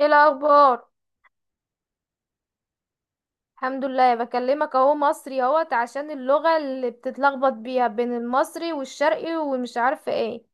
ايه الاخبار؟ الحمد لله، بكلمك اهو مصري اهوت عشان اللغة اللي بتتلخبط بيها بين المصري والشرقي ومش عارفة ايه.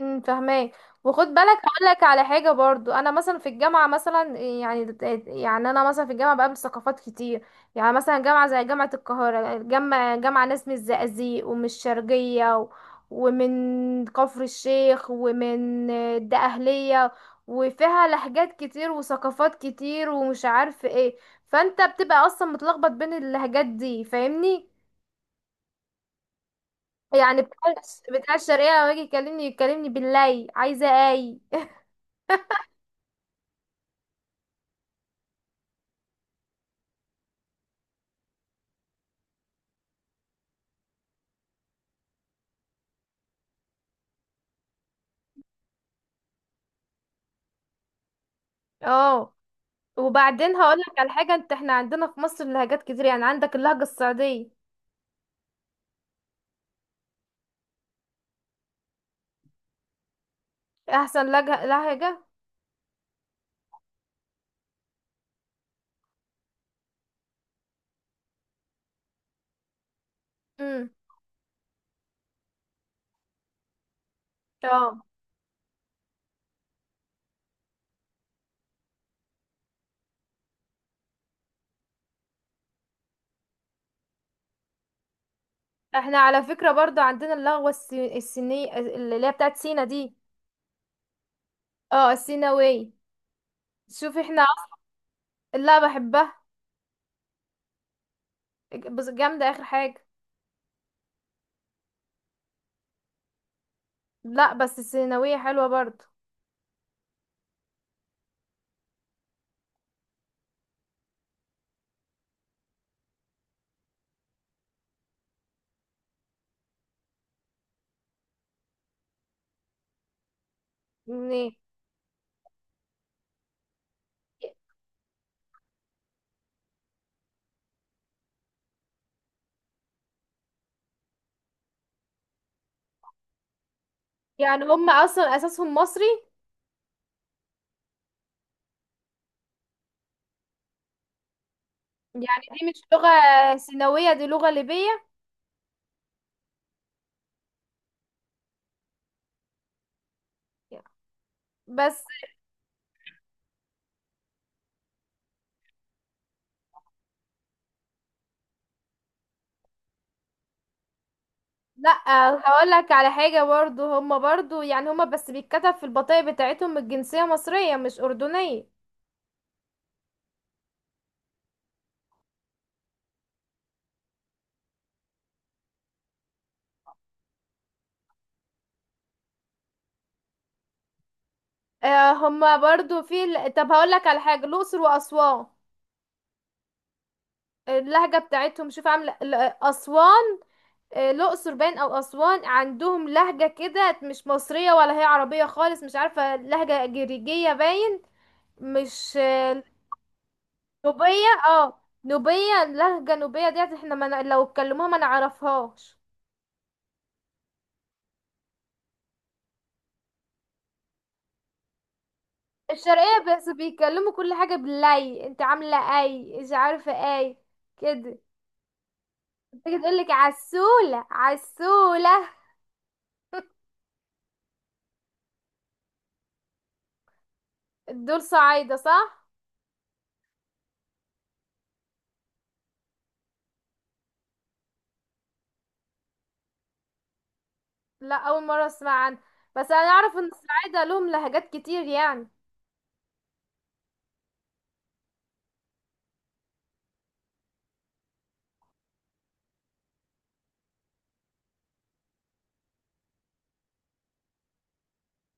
فاهماك. وخد بالك، هقول لك على حاجه برضو. انا مثلا في الجامعه مثلا يعني انا مثلا في الجامعه بقابل ثقافات كتير. يعني مثلا جامعه زي جامعه القاهره، جامعه ناس من الزقازيق ومن الشرقيه ومن كفر الشيخ ومن الدقهليه، وفيها لهجات كتير وثقافات كتير ومش عارف ايه. فانت بتبقى اصلا متلخبط بين اللهجات دي، فاهمني؟ يعني بتاع بتاع الشرقيه لما يجي يكلمني باللي عايزه اي. اه. وبعدين هقولك على حاجة، انت احنا عندنا في مصر لهجات كتير، يعني عندك اللهجة الصعيدية. احسن لهجة. امم. اه. احنا على فكرة برضو عندنا اللغة السينية اللي هي بتاعت سينا دي. اه، السيناوية. شوف احنا. لا بحبها. بس جامدة اخر حاجة. لا بس السيناوية حلوة برضو. يعني يعني هم اصلا اساسهم مصري. يعني دي مش لغة سيناوية، دي لغة ليبية. بس. لا هقول لك على حاجة برضو، هما برضو يعني هما بس بيتكتب في البطاقة بتاعتهم الجنسية مصرية مش أردنية. آه، هما برضو طب هقول لك على حاجة، الأقصر وأسوان، اللهجة بتاعتهم شوف عاملة أسوان. آه، الأقصر باين أو أسوان عندهم لهجة كده مش مصرية ولا هي عربية خالص، مش عارفة لهجة جريجية باين. مش آه، نوبية، اه نوبية، لهجة نوبية ديت، احنا ما ن- لو اتكلموها ما نعرفهاش. الشرقية بس بيتكلموا كل حاجة باللي انت عاملة اي، مش عارفة اي كده. تيجي تقولك عسولة عسولة. دول صعايدة، صح؟ لا، أول مرة أسمع عنها. بس أنا أعرف إن الصعايدة لهم لهجات كتير يعني.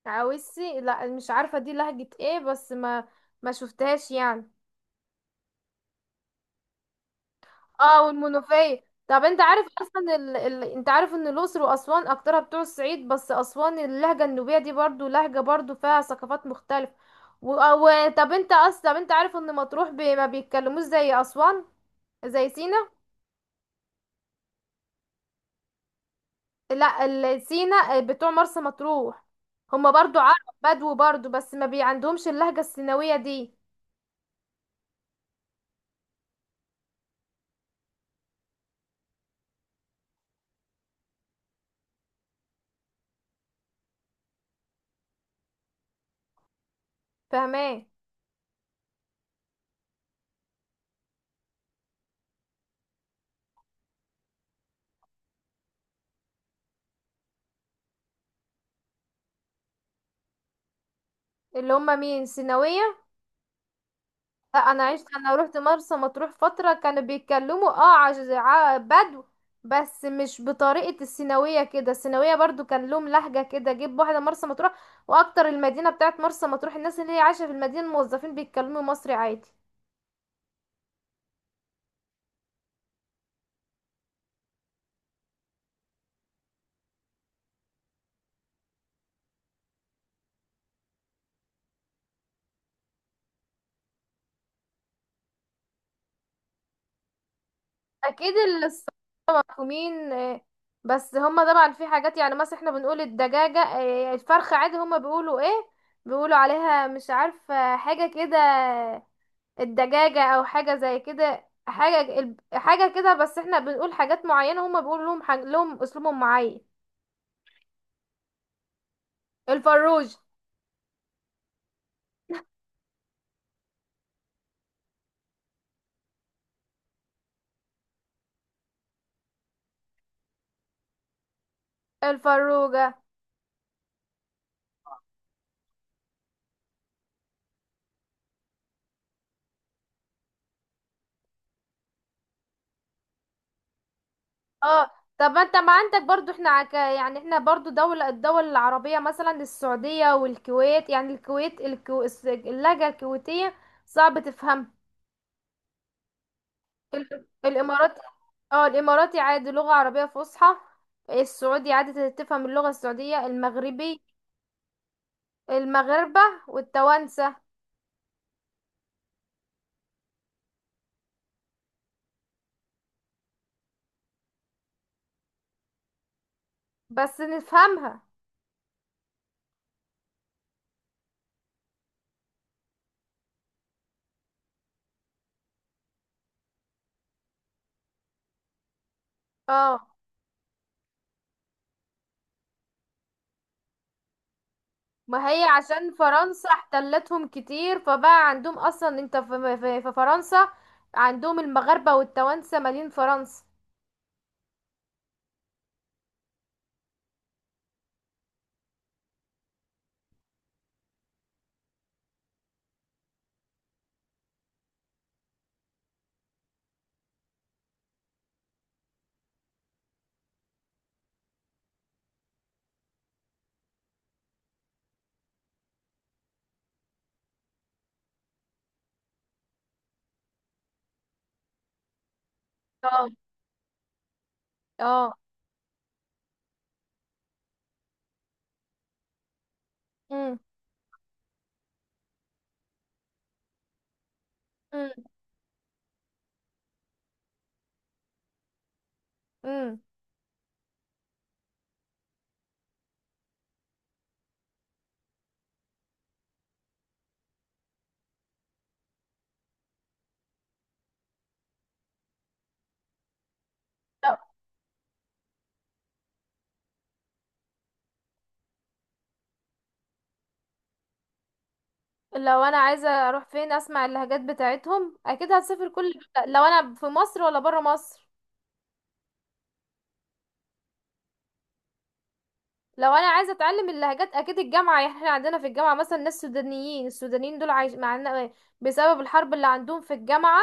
عاوزي، لا مش عارفة دي لهجة ايه، بس ما شفتهاش يعني. اه، والمنوفية. طب انت عارف اصلا انت عارف ان الاقصر واسوان اكترها بتوع الصعيد، بس اسوان اللهجة النوبية دي برضو لهجة برضو فيها ثقافات مختلفة. طب انت اصلا طب انت عارف ان مطروح ما بيتكلموش زي اسوان، زي سينا. لا سينا بتوع مرسى مطروح هما برضو عرب، بدو برضو، بس ما بي عندهمش اللهجة السيناوية دي. فاهماه. اللي هما مين، سيناوية؟ لا، انا عشت، انا روحت مرسى مطروح فتره كانوا بيتكلموا بدو، بس مش بطريقه السيناويه كده. السيناويه برضو كان لهم لهجه كده، جيب واحده مرسى مطروح. واكتر المدينه بتاعت مرسى مطروح، الناس اللي هي عايشه في المدينه الموظفين بيتكلموا مصري عادي. اكيد. الصحفيين، بس هما طبعا في حاجات، يعني مثلا احنا بنقول الدجاجه، الفرخه عادي، هما بيقولوا ايه، بيقولوا عليها مش عارفه حاجه كده. الدجاجة او حاجة زي كده، حاجة حاجة كده، بس احنا بنقول حاجات معينة هما بيقولوا لهم لهم اسلوبهم معين. الفروج. الفروجة. اه. طب ما انت، ما عندك برضو احنا يعني احنا برضو دولة، الدول العربية مثلا السعودية والكويت، يعني الكويت اللهجة الكويتية صعب تفهم. الامارات. اه، الاماراتي عادي لغة عربية فصحى، السعودي عادي تفهم اللغة السعودية. المغربي. المغاربة والتوانسة. بس نفهمها. اه، ما هي عشان فرنسا احتلتهم كتير، فبقى عندهم اصلا انت في فرنسا. عندهم المغاربة والتوانسة مالين فرنسا. اه. اه. امم. امم. امم. لو لو انا عايزة اروح فين اسمع اللهجات بتاعتهم، اكيد هسافر كل. لو انا في مصر، ولا برا مصر؟ لو انا عايزه اتعلم اللهجات، اكيد الجامعه. يعني احنا عندنا في الجامعه مثلا ناس سودانيين، السودانيين دول عايش معانا بسبب الحرب اللي عندهم، في الجامعه،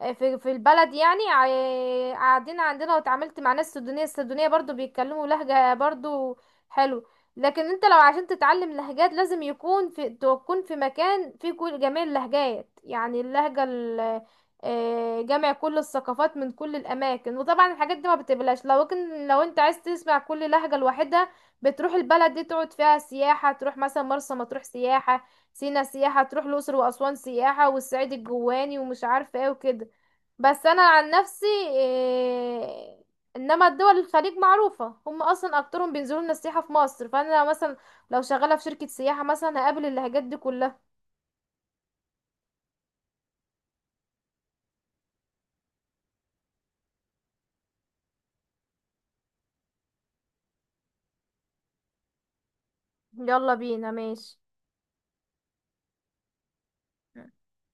آه، في البلد، يعني قاعدين عندنا، واتعاملت مع ناس سودانيه، السودانيه برضو بيتكلموا لهجه برضو حلو. لكن انت لو عشان تتعلم لهجات لازم يكون في، تكون في مكان فيه كل جميع اللهجات، يعني اللهجه جمع كل الثقافات من كل الاماكن. وطبعا الحاجات دي ما بتبلاش. لو كن لو انت عايز تسمع كل لهجه لوحدها بتروح البلد دي تقعد فيها سياحة. تروح مثلا مرسى مطروح سياحة، سينا سياحة، تروح الأقصر وأسوان سياحة والصعيد الجواني ومش عارفة ايه وكده. بس أنا عن نفسي إنما دول الخليج معروفة هم أصلا أكترهم بينزلوا لنا السياحة في مصر، فأنا مثلا لو شغالة في شركة سياحة مثلا هقابل اللهجات دي كلها. يلا بينا، ماشي.